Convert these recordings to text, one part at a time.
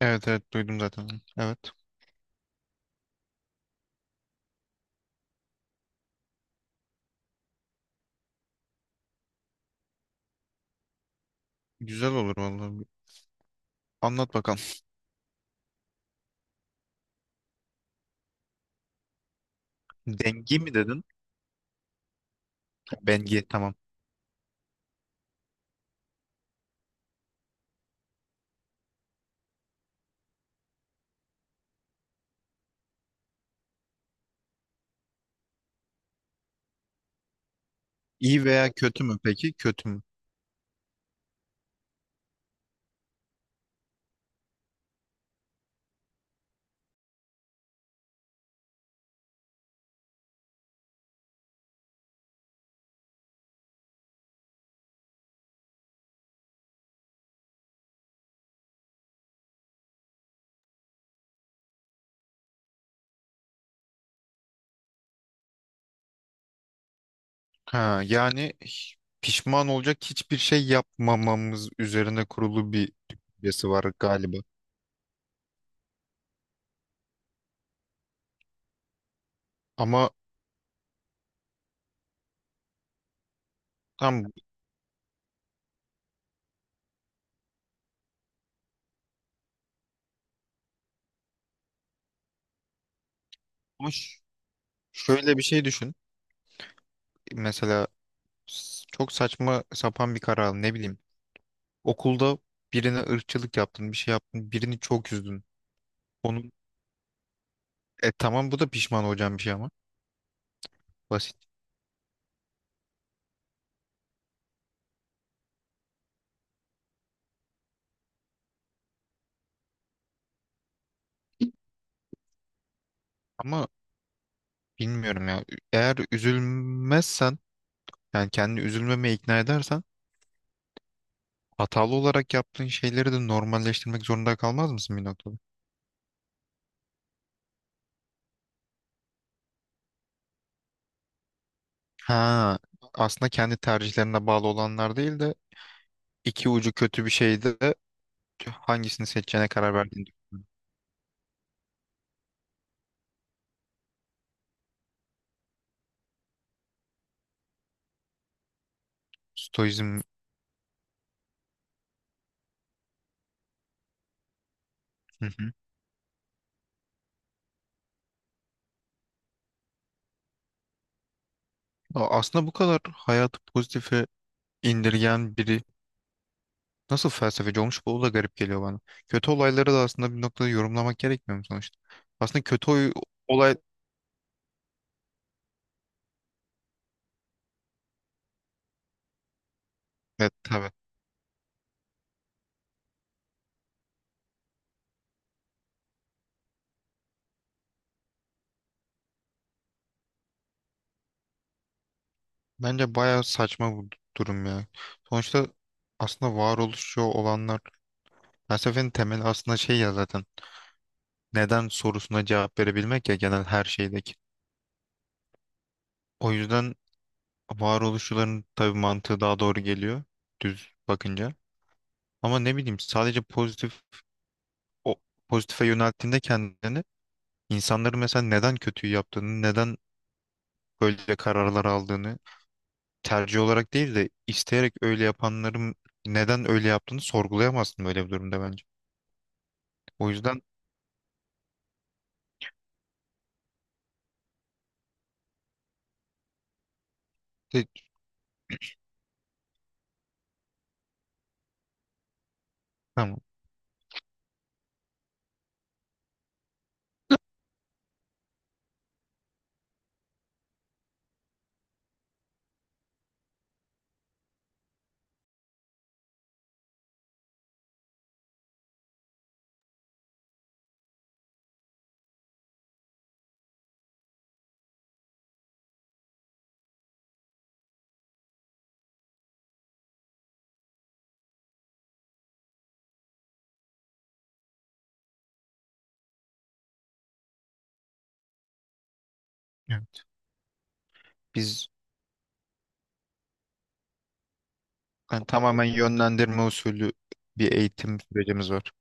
Evet, evet, duydum zaten. Onu. Evet. Güzel olur vallahi. Anlat bakalım. Dengi mi dedin? Bengi, tamam. İyi veya kötü mü peki? Kötü mü? Ha, yani pişman olacak hiçbir şey yapmamamız üzerine kurulu bir düşüncesi var galiba. Ama tam Hoş. Şöyle bir şey düşün. Mesela çok saçma sapan bir karar aldın. Ne bileyim. Okulda birine ırkçılık yaptın, bir şey yaptın, birini çok üzdün. Onun tamam, bu da pişman olacağın bir şey ama basit. Ama bilmiyorum ya. Eğer üzülmezsen, yani kendini üzülmemeye ikna edersen, hatalı olarak yaptığın şeyleri de normalleştirmek zorunda kalmaz mısın bir noktada? Ha, aslında kendi tercihlerine bağlı olanlar değil de iki ucu kötü bir şeyde de hangisini seçeceğine karar verdiğini düşünüyorum. Stoizm. Hı hı. Aslında bu kadar hayatı pozitife indirgen biri nasıl felsefeci olmuş, bu da garip geliyor bana. Kötü olayları da aslında bir noktada yorumlamak gerekmiyor mu sonuçta? Aslında olay, evet, tabii. Bence bayağı saçma bu durum ya. Sonuçta aslında varoluşçu olanlar, felsefenin temeli aslında şey ya zaten, neden sorusuna cevap verebilmek ya, genel her şeydeki. O yüzden varoluşçuların tabii mantığı daha doğru geliyor düz bakınca. Ama ne bileyim, sadece pozitif, o pozitife yönelttiğinde kendini, insanların mesela neden kötüyü yaptığını, neden böyle kararlar aldığını, tercih olarak değil de isteyerek öyle yapanların neden öyle yaptığını sorgulayamazsın böyle bir durumda bence. O yüzden te- tamam. Evet. Biz yani tamamen yönlendirme usulü bir eğitim sürecimiz var.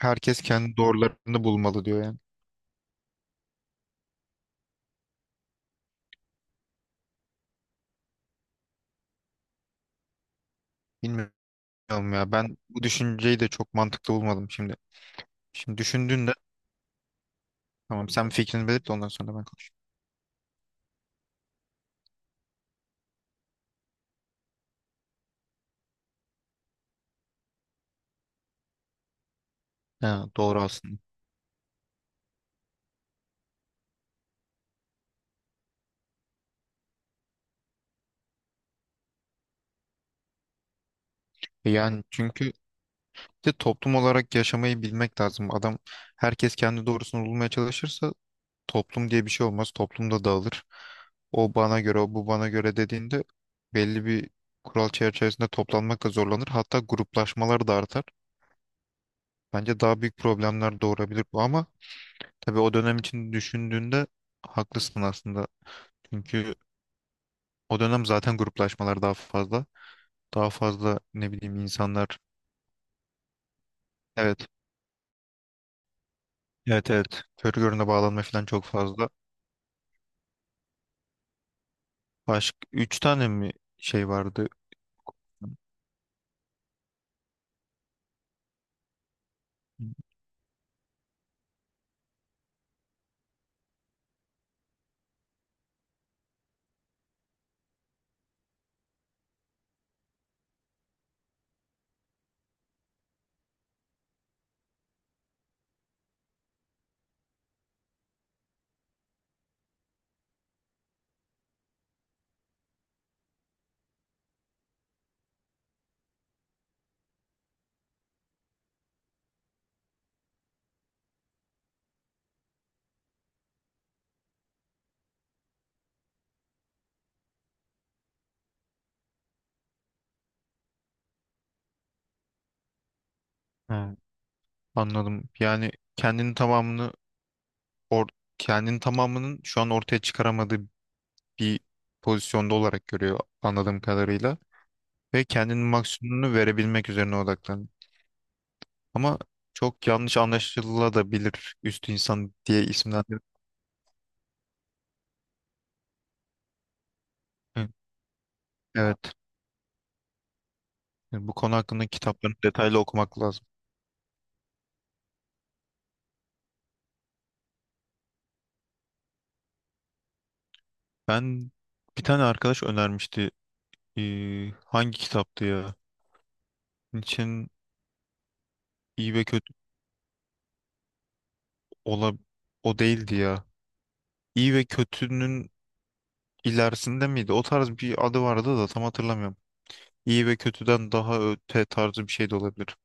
Herkes kendi doğrularını bulmalı diyor yani. Bilmiyorum ya, ben bu düşünceyi de çok mantıklı bulmadım şimdi. Şimdi düşündüğünde, tamam, sen fikrini belirt de ondan sonra ben konuşayım. Ha, doğru aslında. Yani çünkü de toplum olarak yaşamayı bilmek lazım. Adam, herkes kendi doğrusunu bulmaya çalışırsa toplum diye bir şey olmaz. Toplum da dağılır. O bana göre, o bu bana göre dediğinde belli bir kural çerçevesinde toplanmakla zorlanır. Hatta gruplaşmalar da artar. Bence daha büyük problemler doğurabilir bu, ama tabii o dönem için düşündüğünde haklısın aslında. Çünkü o dönem zaten gruplaşmalar daha fazla. Daha fazla ne bileyim insanlar. Evet. Evet, evet. Körü görüne bağlanma falan çok fazla. Başka 3 tane mi şey vardı? Hı. Hı. Ha, anladım. Yani or kendini tamamının şu an ortaya çıkaramadığı bir pozisyonda olarak görüyor anladığım kadarıyla ve kendinin maksimumunu verebilmek üzerine odaklanıyor. Ama çok yanlış anlaşılabilir üst insan diye isimlendir. Hı. Evet. Yani bu konu hakkında kitaplarını detaylı okumak lazım. Ben bir tane arkadaş önermişti. Hangi kitaptı ya? Nietzsche'nin iyi ve kötü ola o değildi ya. İyi ve kötünün ilerisinde miydi? O tarz bir adı vardı da tam hatırlamıyorum. İyi ve kötüden daha öte tarzı bir şey de olabilir.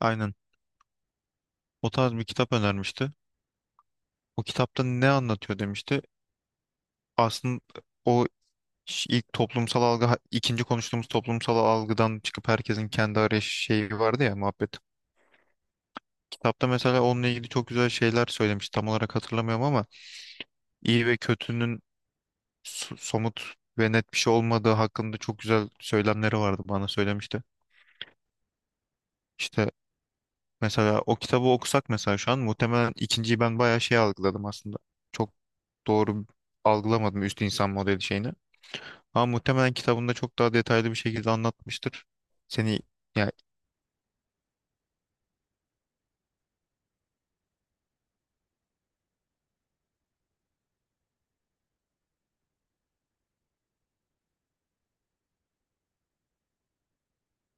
Aynen. O tarz bir kitap önermişti. O kitapta ne anlatıyor demişti. Aslında o ilk toplumsal algı, ikinci konuştuğumuz toplumsal algıdan çıkıp herkesin kendi arayış şeyi vardı ya, muhabbet. Kitapta mesela onunla ilgili çok güzel şeyler söylemiş. Tam olarak hatırlamıyorum ama iyi ve kötünün somut ve net bir şey olmadığı hakkında çok güzel söylemleri vardı, bana söylemişti. İşte mesela o kitabı okusak mesela, şu an muhtemelen ikinciyi ben bayağı şey algıladım aslında. Çok doğru algılamadım üst insan modeli şeyini. Ama muhtemelen kitabında çok daha detaylı bir şekilde anlatmıştır. Seni yani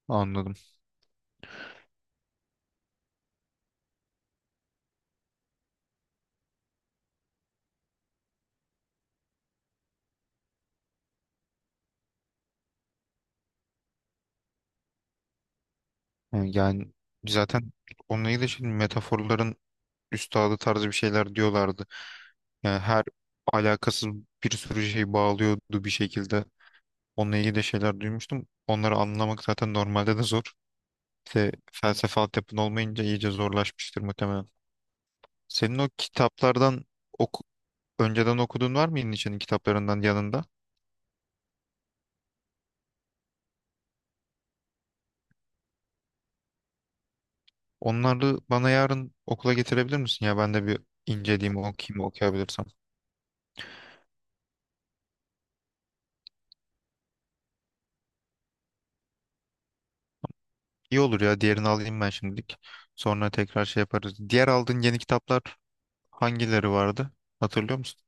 Anladım. Yani, yani zaten onunla ilgili şimdi metaforların üstadı tarzı bir şeyler diyorlardı. Yani her alakasız bir sürü şey bağlıyordu bir şekilde. Onunla ilgili de şeyler duymuştum. Onları anlamak zaten normalde de zor. İşte felsefe altyapın olmayınca iyice zorlaşmıştır muhtemelen. Senin o kitaplardan oku- önceden okuduğun var mı İlniç'in kitaplarından yanında? Onları bana yarın okula getirebilir misin ya? Ben de bir inceleyeyim, okuyayım, okuyabilirsem. İyi olur ya. Diğerini alayım ben şimdilik. Sonra tekrar şey yaparız. Diğer aldığın yeni kitaplar hangileri vardı? Hatırlıyor musun?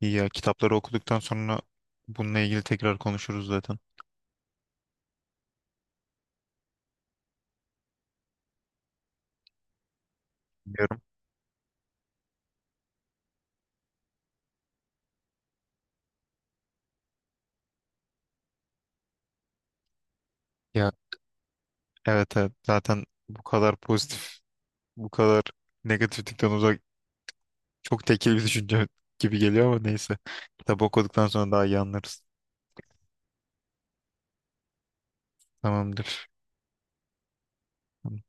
İyi ya, kitapları okuduktan sonra bununla ilgili tekrar konuşuruz zaten. Biliyorum. Ya evet, evet, zaten bu kadar pozitif, bu kadar negatiflikten uzak, çok tekil bir düşünce gibi geliyor ama neyse. Kitap okuduktan sonra daha iyi anlarız. Tamamdır.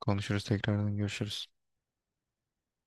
Konuşuruz, tekrardan görüşürüz.